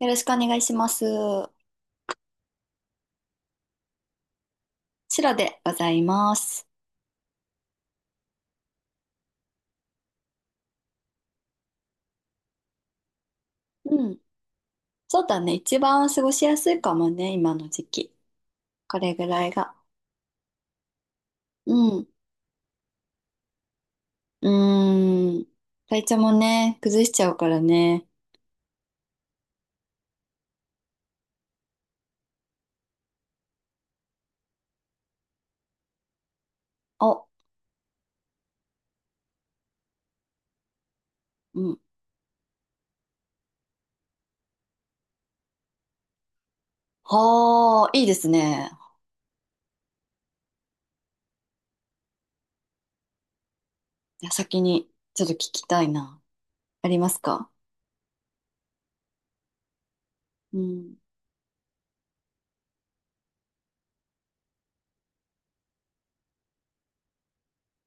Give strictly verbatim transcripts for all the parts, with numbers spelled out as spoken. よろしくお願いします。シロでございます。うん。そうだね。一番過ごしやすいかもね、今の時期。これぐらいが。うん。うーん。体調もね、崩しちゃうからね。お、うん。はあ、いいですね。じゃあ先に、ちょっと聞きたいな。ありますか？うん。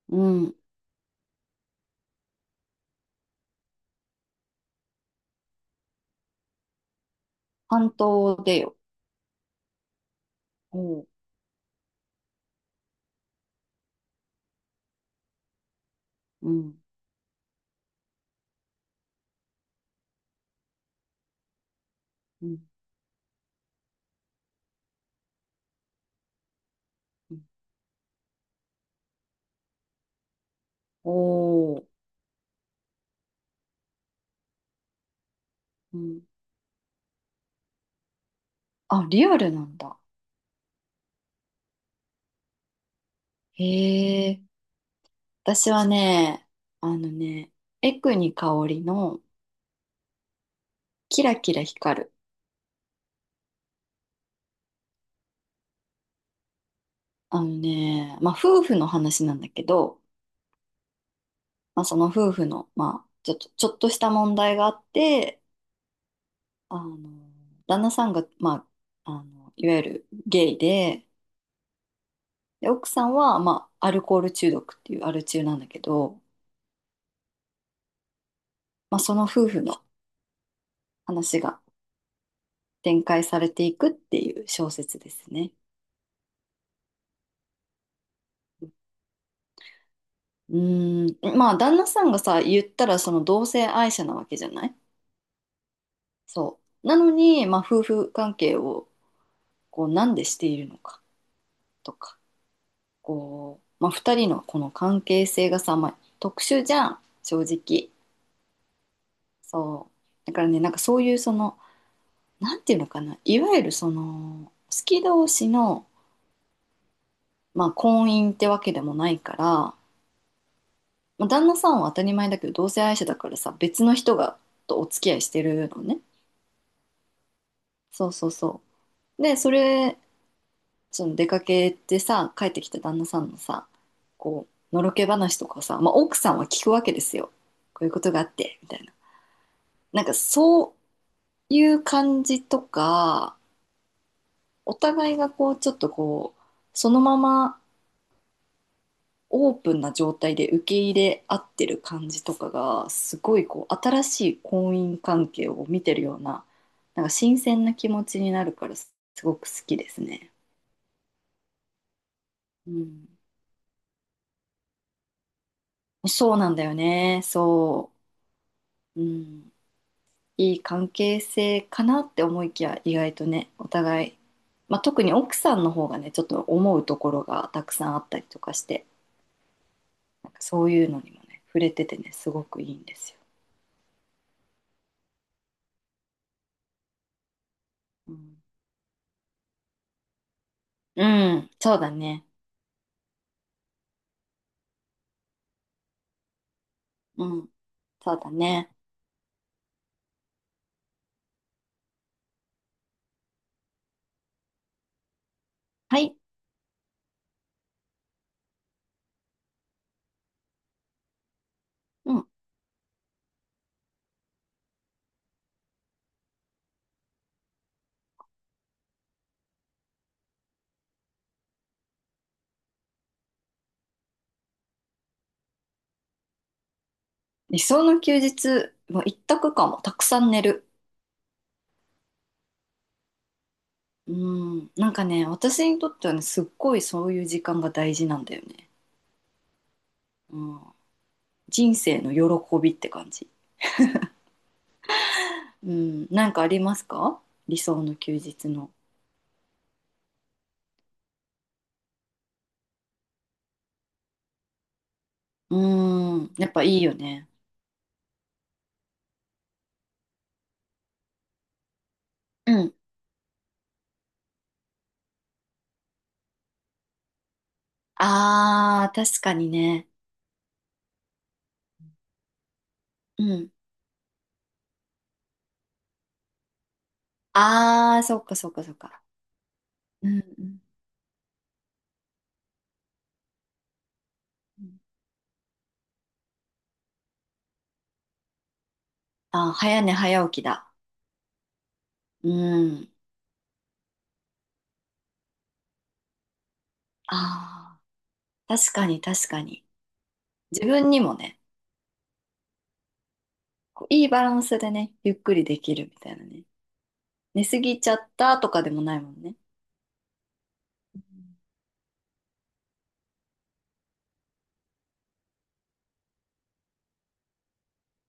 うん。半島でよ。おう。うん。うん。うん。おー。うん。あ、リアルなんだ。へえ。私はね、あのね、エクニカオリのキラキラ光る。あのね、まあ夫婦の話なんだけど、まあその夫婦の、まあちょっと、ちょっとした問題があって、あの、旦那さんが、まあ、あの、いわゆるゲイで、で、奥さんは、まあアルコール中毒っていうアル中なんだけど、まあその夫婦の話が展開されていくっていう小説ですね。うーん、まあ旦那さんがさ、言ったらその同性愛者なわけじゃない？そう。なのに、まあ、夫婦関係をこうなんでしているのかとか、こう、まあ、ふたりのこの関係性がさ、まあ、特殊じゃん、正直。そう。だからね、なんかそういうその、なんていうのかな、いわゆるその、好き同士の、まあ、婚姻ってわけでもないから、まあ、旦那さんは当たり前だけど、同性愛者だからさ、別の人がとお付き合いしてるのね。そうそうそう。で、それその出かけてさ、帰ってきた旦那さんのさ、こう、のろけ話とかをさ、まあ、奥さんは聞くわけですよ。こういうことがあって、みたいな。なんかそういう感じとか、お互いがこう、ちょっとこう、そのままオープンな状態で受け入れ合ってる感じとかが、すごいこう、新しい婚姻関係を見てるような、なんか新鮮な気持ちになるから、すごく好きですね。うん。そうなんだよね。そう。うん。いい関係性かなって思いきや意外とねお互い、まあ、特に奥さんの方がねちょっと思うところがたくさんあったりとかして、なんかそういうのにもね触れててねすごくいいんですよ。うん、うん。そうだね。うん。そうだね。はい。うん。理想の休日も一択かも。たくさん寝る。うん。なんかね、私にとってはね、すっごいそういう時間が大事なんだよね。うん。人生の喜びって感じ。うん、なんかありますか？理想の休日の。うーん、やっぱいいよね。うん。あー、確かにね。うん。あー、そっかそっかそっか。うんうんうん。あー、早寝早起きだ。うん。あー、確かに確かに。自分にもね、こういいバランスでね、ゆっくりできるみたいなね。寝すぎちゃったとかでもないもんね。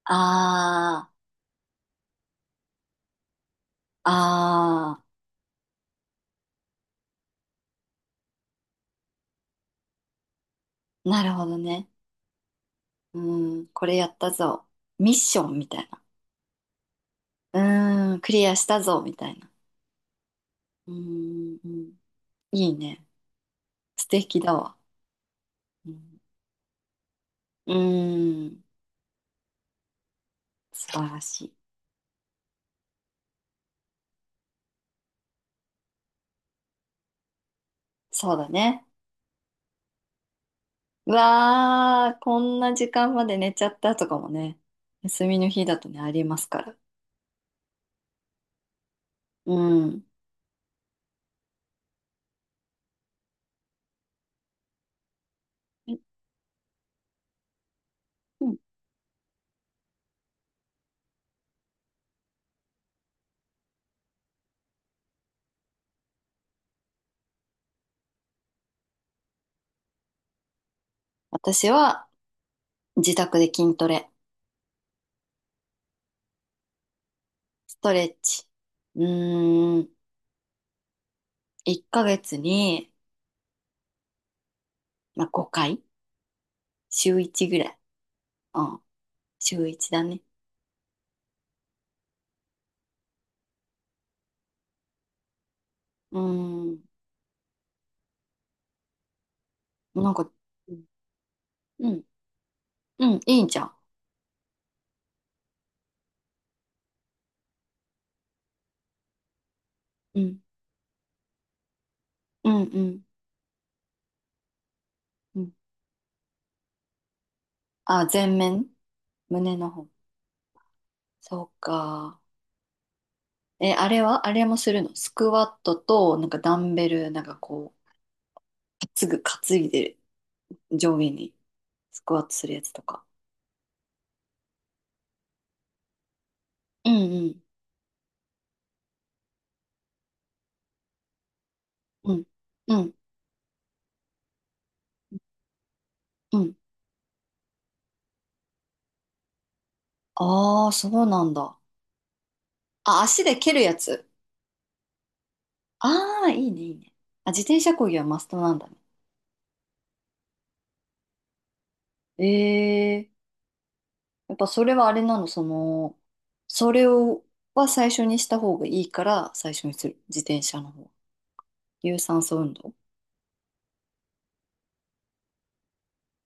あー、あー、なるほどね。うん、これやったぞ。ミッションみたいな。うーん、クリアしたぞ、みたいな。うーん、いいね。素敵だわ。うん、うーん、素晴らしい。そうだね。うわー、こんな時間まで寝ちゃったとかもね、休みの日だとね、ありますから。うん。え。うん。私は自宅で筋トレ、ストレッチ。うーん、いっかげつに、まあ、ごかい、週いちぐらい。うん、週いちだね。うーん、なんか、うんうん、いいじゃん。うん、うん、うん、うん。あ、前面、胸の方。そうか。え、あれはあれもするの？スクワットと、なんかダンベル、なんかこう、すぐ担いで上下にスクワットするやつとか。うんうん。うん。うん。うん。ああ、そうなんだ。あ、足で蹴るやつ。ああ、いいね、いいね。あ、自転車漕ぎはマストなんだね。ええ。やっぱそれはあれなの、その、それを、は最初にした方がいいから、最初にする。自転車の方。有酸素運動。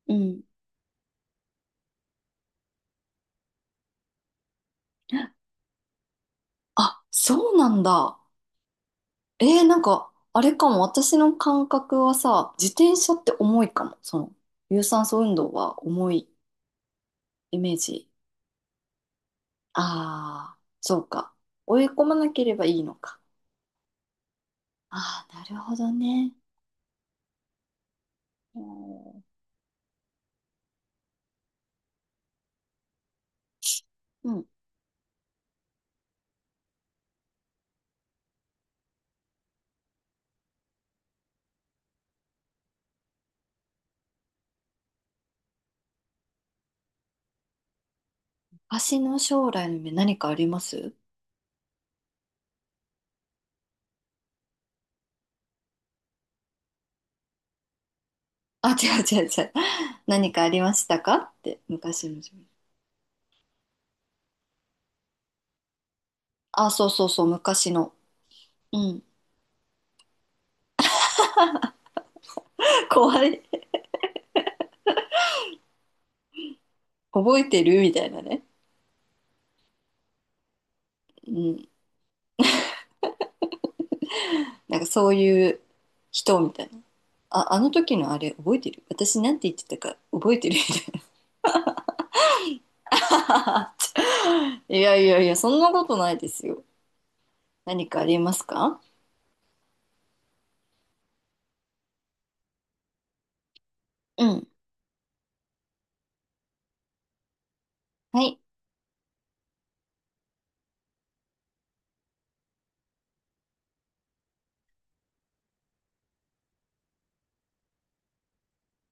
うん。あ、そうなんだ。えー、なんか、あれかも。私の感覚はさ、自転車って重いかも。その、有酸素運動は重いイメージ。ああ、そうか。追い込まなければいいのか。ああ、なるほどね。う。うん。私の将来の夢何かありますあ、違う違う違う。何かありましたかって昔の自分。あ、そうそうそう、昔の。うん。怖い。覚えてるみたいなね。うん。なんかそういう人みたいな。あ、あの時のあれ覚えてる、私なんて言ってたか覚えてるみたいな。いやいやいや、そんなことないですよ。何かありますか？うん。はい。